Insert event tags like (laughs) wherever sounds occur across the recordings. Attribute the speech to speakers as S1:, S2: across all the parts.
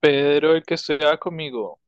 S1: Pedro, el que estudiaba conmigo.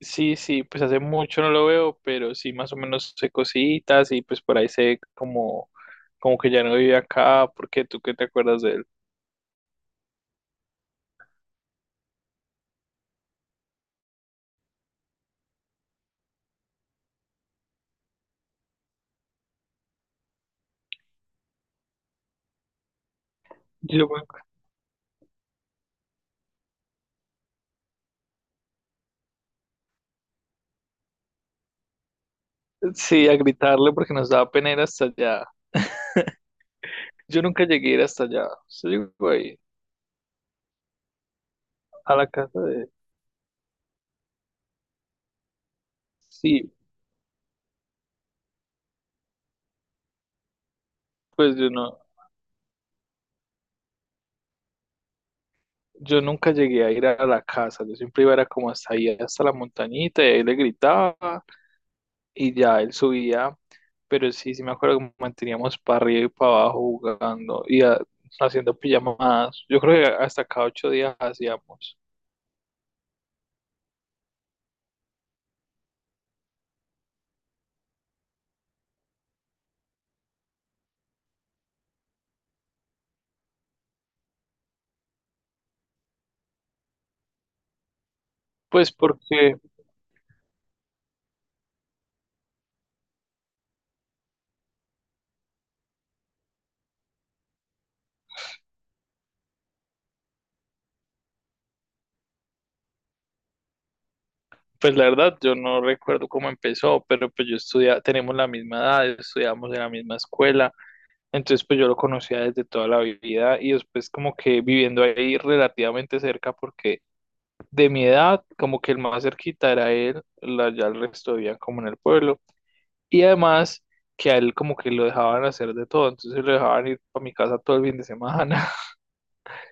S1: Sí, sí, pues hace mucho no lo veo, pero sí más o menos sé cositas y pues por ahí sé como, como que ya no vive acá, porque tú qué te acuerdas de él. Yo, me ac- sí, a gritarle porque nos daba pena ir hasta allá. Yo nunca llegué a ir hasta allá. Yo llegó ahí, a la casa de... Sí, pues yo no, yo nunca llegué a ir a la casa, yo siempre iba era como hasta ahí, hasta la montañita, y ahí le gritaba y ya él subía. Pero sí, sí me acuerdo que manteníamos para arriba y para abajo jugando haciendo pijamadas. Yo creo que hasta cada 8 días hacíamos. Pues porque, pues la verdad, yo no recuerdo cómo empezó, pero pues yo estudia, tenemos la misma edad, estudiamos en la misma escuela, entonces pues yo lo conocía desde toda la vida y después como que viviendo ahí relativamente cerca porque de mi edad, como que el más cerquita era él, la, ya el resto vivían como en el pueblo. Y además que a él como que lo dejaban hacer de todo, entonces lo dejaban ir a mi casa todo el fin de semana.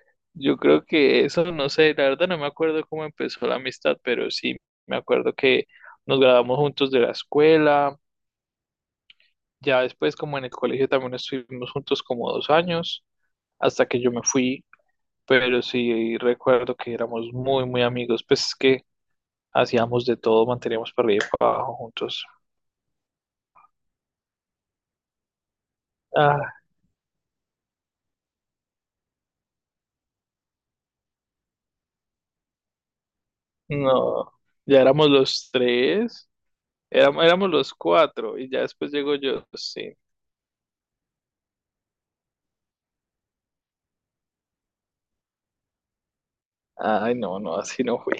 S1: (laughs) Yo creo que eso, no sé, la verdad no me acuerdo cómo empezó la amistad, pero sí me acuerdo que nos graduamos juntos de la escuela, ya después como en el colegio también estuvimos juntos como 2 años, hasta que yo me fui, pero sí recuerdo que éramos muy, muy amigos, pues es que hacíamos de todo, manteníamos para arriba y para abajo juntos. Ah, no, ya éramos los tres. Éramos los cuatro y ya después llego yo, sí. Ay, no, no, así no fui.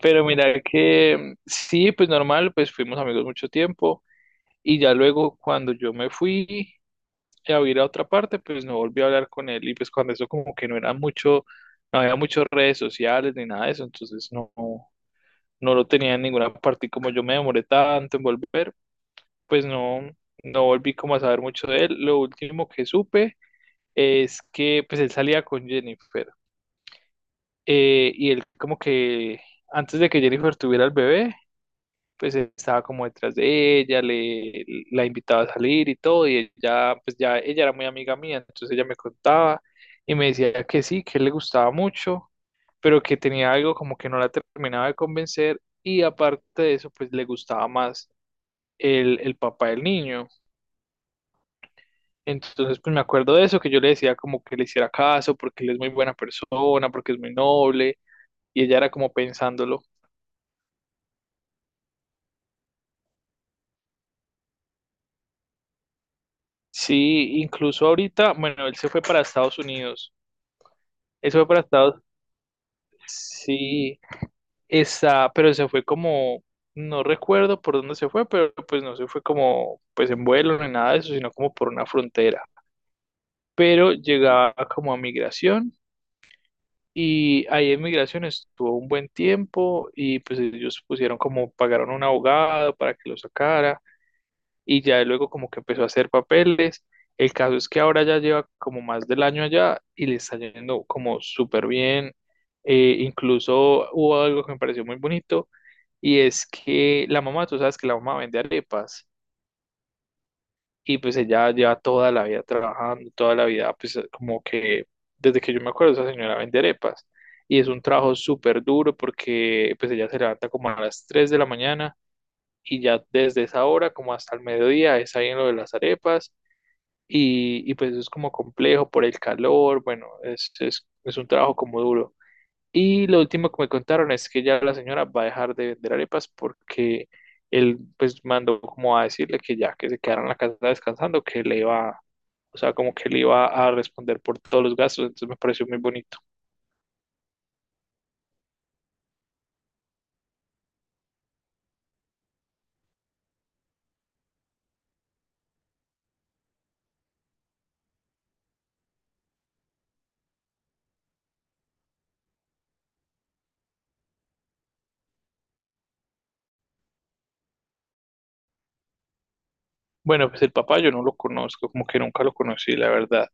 S1: Pero mira que sí, pues normal, pues fuimos amigos mucho tiempo y ya luego cuando yo me fui a ir a otra parte, pues no volví a hablar con él y pues cuando eso como que no era mucho, no había muchas redes sociales ni nada de eso, entonces no, no lo tenía en ninguna parte y como yo me demoré tanto en volver, pues no, no volví como a saber mucho de él. Lo último que supe es que pues él salía con Jennifer. Y él como que antes de que Jennifer tuviera el bebé, pues estaba como detrás de ella, le, la invitaba a salir y todo, y ella, pues ya ella era muy amiga mía, entonces ella me contaba y me decía que sí, que le gustaba mucho, pero que tenía algo como que no la terminaba de convencer y aparte de eso, pues le gustaba más el papá del niño. Entonces, pues me acuerdo de eso, que yo le decía como que le hiciera caso, porque él es muy buena persona, porque es muy noble, y ella era como pensándolo. Sí, incluso ahorita, bueno, él se fue para Estados Unidos. Él se fue para Estados. Sí, está, pero se fue como, no recuerdo por dónde se fue, pero pues no se fue como, pues en vuelo ni nada de eso, sino como por una frontera. Pero llegaba como a migración y ahí en migración estuvo un buen tiempo y pues ellos pusieron como, pagaron un abogado para que lo sacara. Y ya luego como que empezó a hacer papeles. El caso es que ahora ya lleva como más del año allá y le está yendo como súper bien. Incluso hubo algo que me pareció muy bonito y es que la mamá, tú sabes que la mamá vende arepas y pues ella lleva toda la vida trabajando, toda la vida, pues como que desde que yo me acuerdo esa señora vende arepas y es un trabajo súper duro porque pues ella se levanta como a las 3 de la mañana y ya desde esa hora como hasta el mediodía es ahí en lo de las arepas y pues es como complejo por el calor, bueno, es un trabajo como duro. Y lo último que me contaron es que ya la señora va a dejar de vender arepas porque él pues mandó como a decirle que ya que se quedara en la casa descansando, que le iba, o sea, como que le iba a responder por todos los gastos, entonces me pareció muy bonito. Bueno, pues el papá yo no lo conozco, como que nunca lo conocí, la verdad.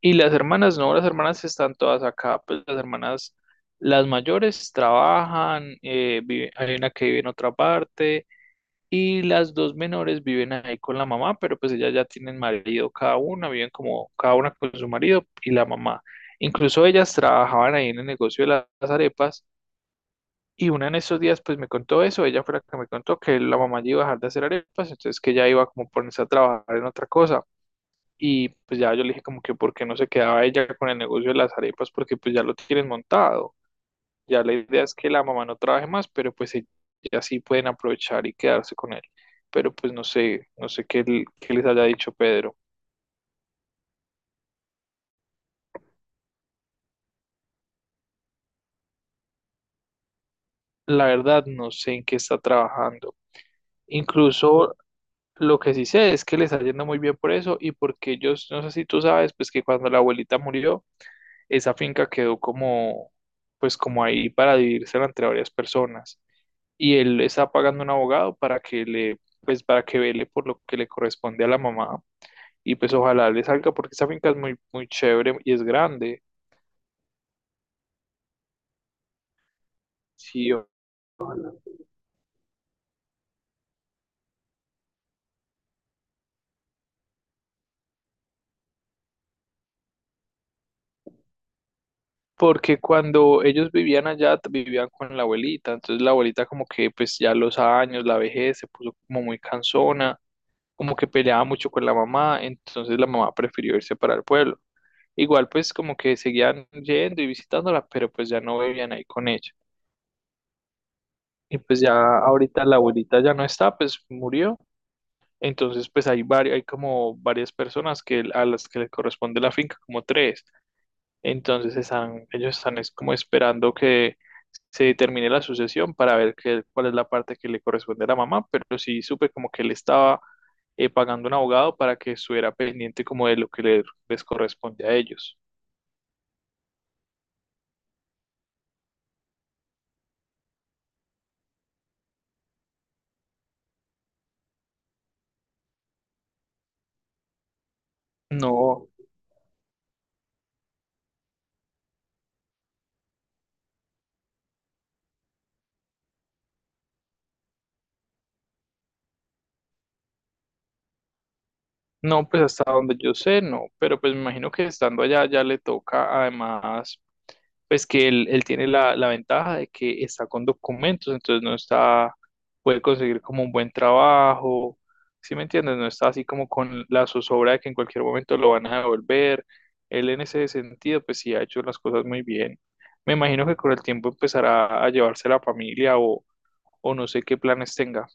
S1: Y las hermanas, no, las hermanas están todas acá, pues las hermanas, las mayores trabajan, vive- hay una que vive en otra parte y las dos menores viven ahí con la mamá, pero pues ellas ya tienen marido cada una, viven como cada una con su marido y la mamá. Incluso ellas trabajaban ahí en el negocio de la- las arepas y una en esos días pues me contó eso, ella fue la que me contó que la mamá ya iba a dejar de hacer arepas, entonces que ella iba como a ponerse a trabajar en otra cosa. Y pues ya yo le dije como que por qué no se quedaba ella con el negocio de las arepas, porque pues ya lo tienen montado. Ya la idea es que la mamá no trabaje más, pero pues ella así pueden aprovechar y quedarse con él. Pero pues no sé, no sé qué, l- qué les haya dicho Pedro. La verdad no sé en qué está trabajando. Incluso lo que sí sé es que le está yendo muy bien por eso y porque ellos, no sé si tú sabes, pues que cuando la abuelita murió, esa finca quedó como, pues como ahí para dividirse entre varias personas. Y él está pagando un abogado para que le, pues para que vele por lo que le corresponde a la mamá y pues ojalá le salga porque esa finca es muy, muy chévere y es grande, sí, o- porque cuando ellos vivían allá t- vivían con la abuelita, entonces la abuelita como que pues ya los años, la vejez se puso como muy cansona, como que peleaba mucho con la mamá, entonces la mamá prefirió irse para el pueblo. Igual pues como que seguían yendo y visitándola, pero pues ya no vivían ahí con ella. Y pues ya ahorita la abuelita ya no está, pues murió. Entonces, pues hay varios, hay como varias personas que a las que le corresponde la finca, como tres. Entonces están, ellos están es como esperando que se determine la sucesión para ver qué- cuál es la parte que le corresponde a la mamá. Pero sí supe como que él estaba pagando un abogado para que estuviera pendiente como de lo que le- les corresponde a ellos. No, no, pues hasta donde yo sé, no. Pero pues me imagino que estando allá ya le toca además pues que él tiene la, la ventaja de que está con documentos, entonces no está, puede conseguir como un buen trabajo, ¿sí me entiendes? No está así como con la zozobra de que en cualquier momento lo van a devolver. Él en ese sentido, pues sí ha hecho las cosas muy bien. Me imagino que con el tiempo empezará a llevarse la familia o no sé qué planes tenga.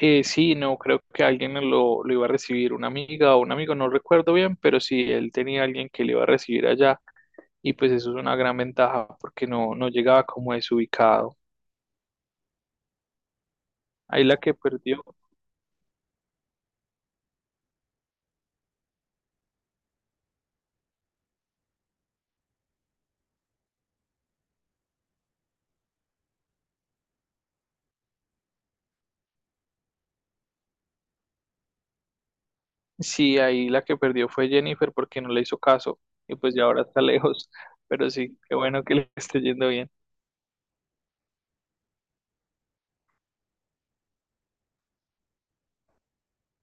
S1: Sí, no, creo que alguien lo iba a recibir, una amiga o un amigo, no recuerdo bien, pero sí, él tenía alguien que le iba a recibir allá y pues eso es una gran ventaja porque no, no llegaba como desubicado. Ahí la que perdió, sí, ahí la que perdió fue Jennifer porque no le hizo caso y pues ya ahora está (laughs) lejos, pero sí, qué bueno que le esté yendo bien.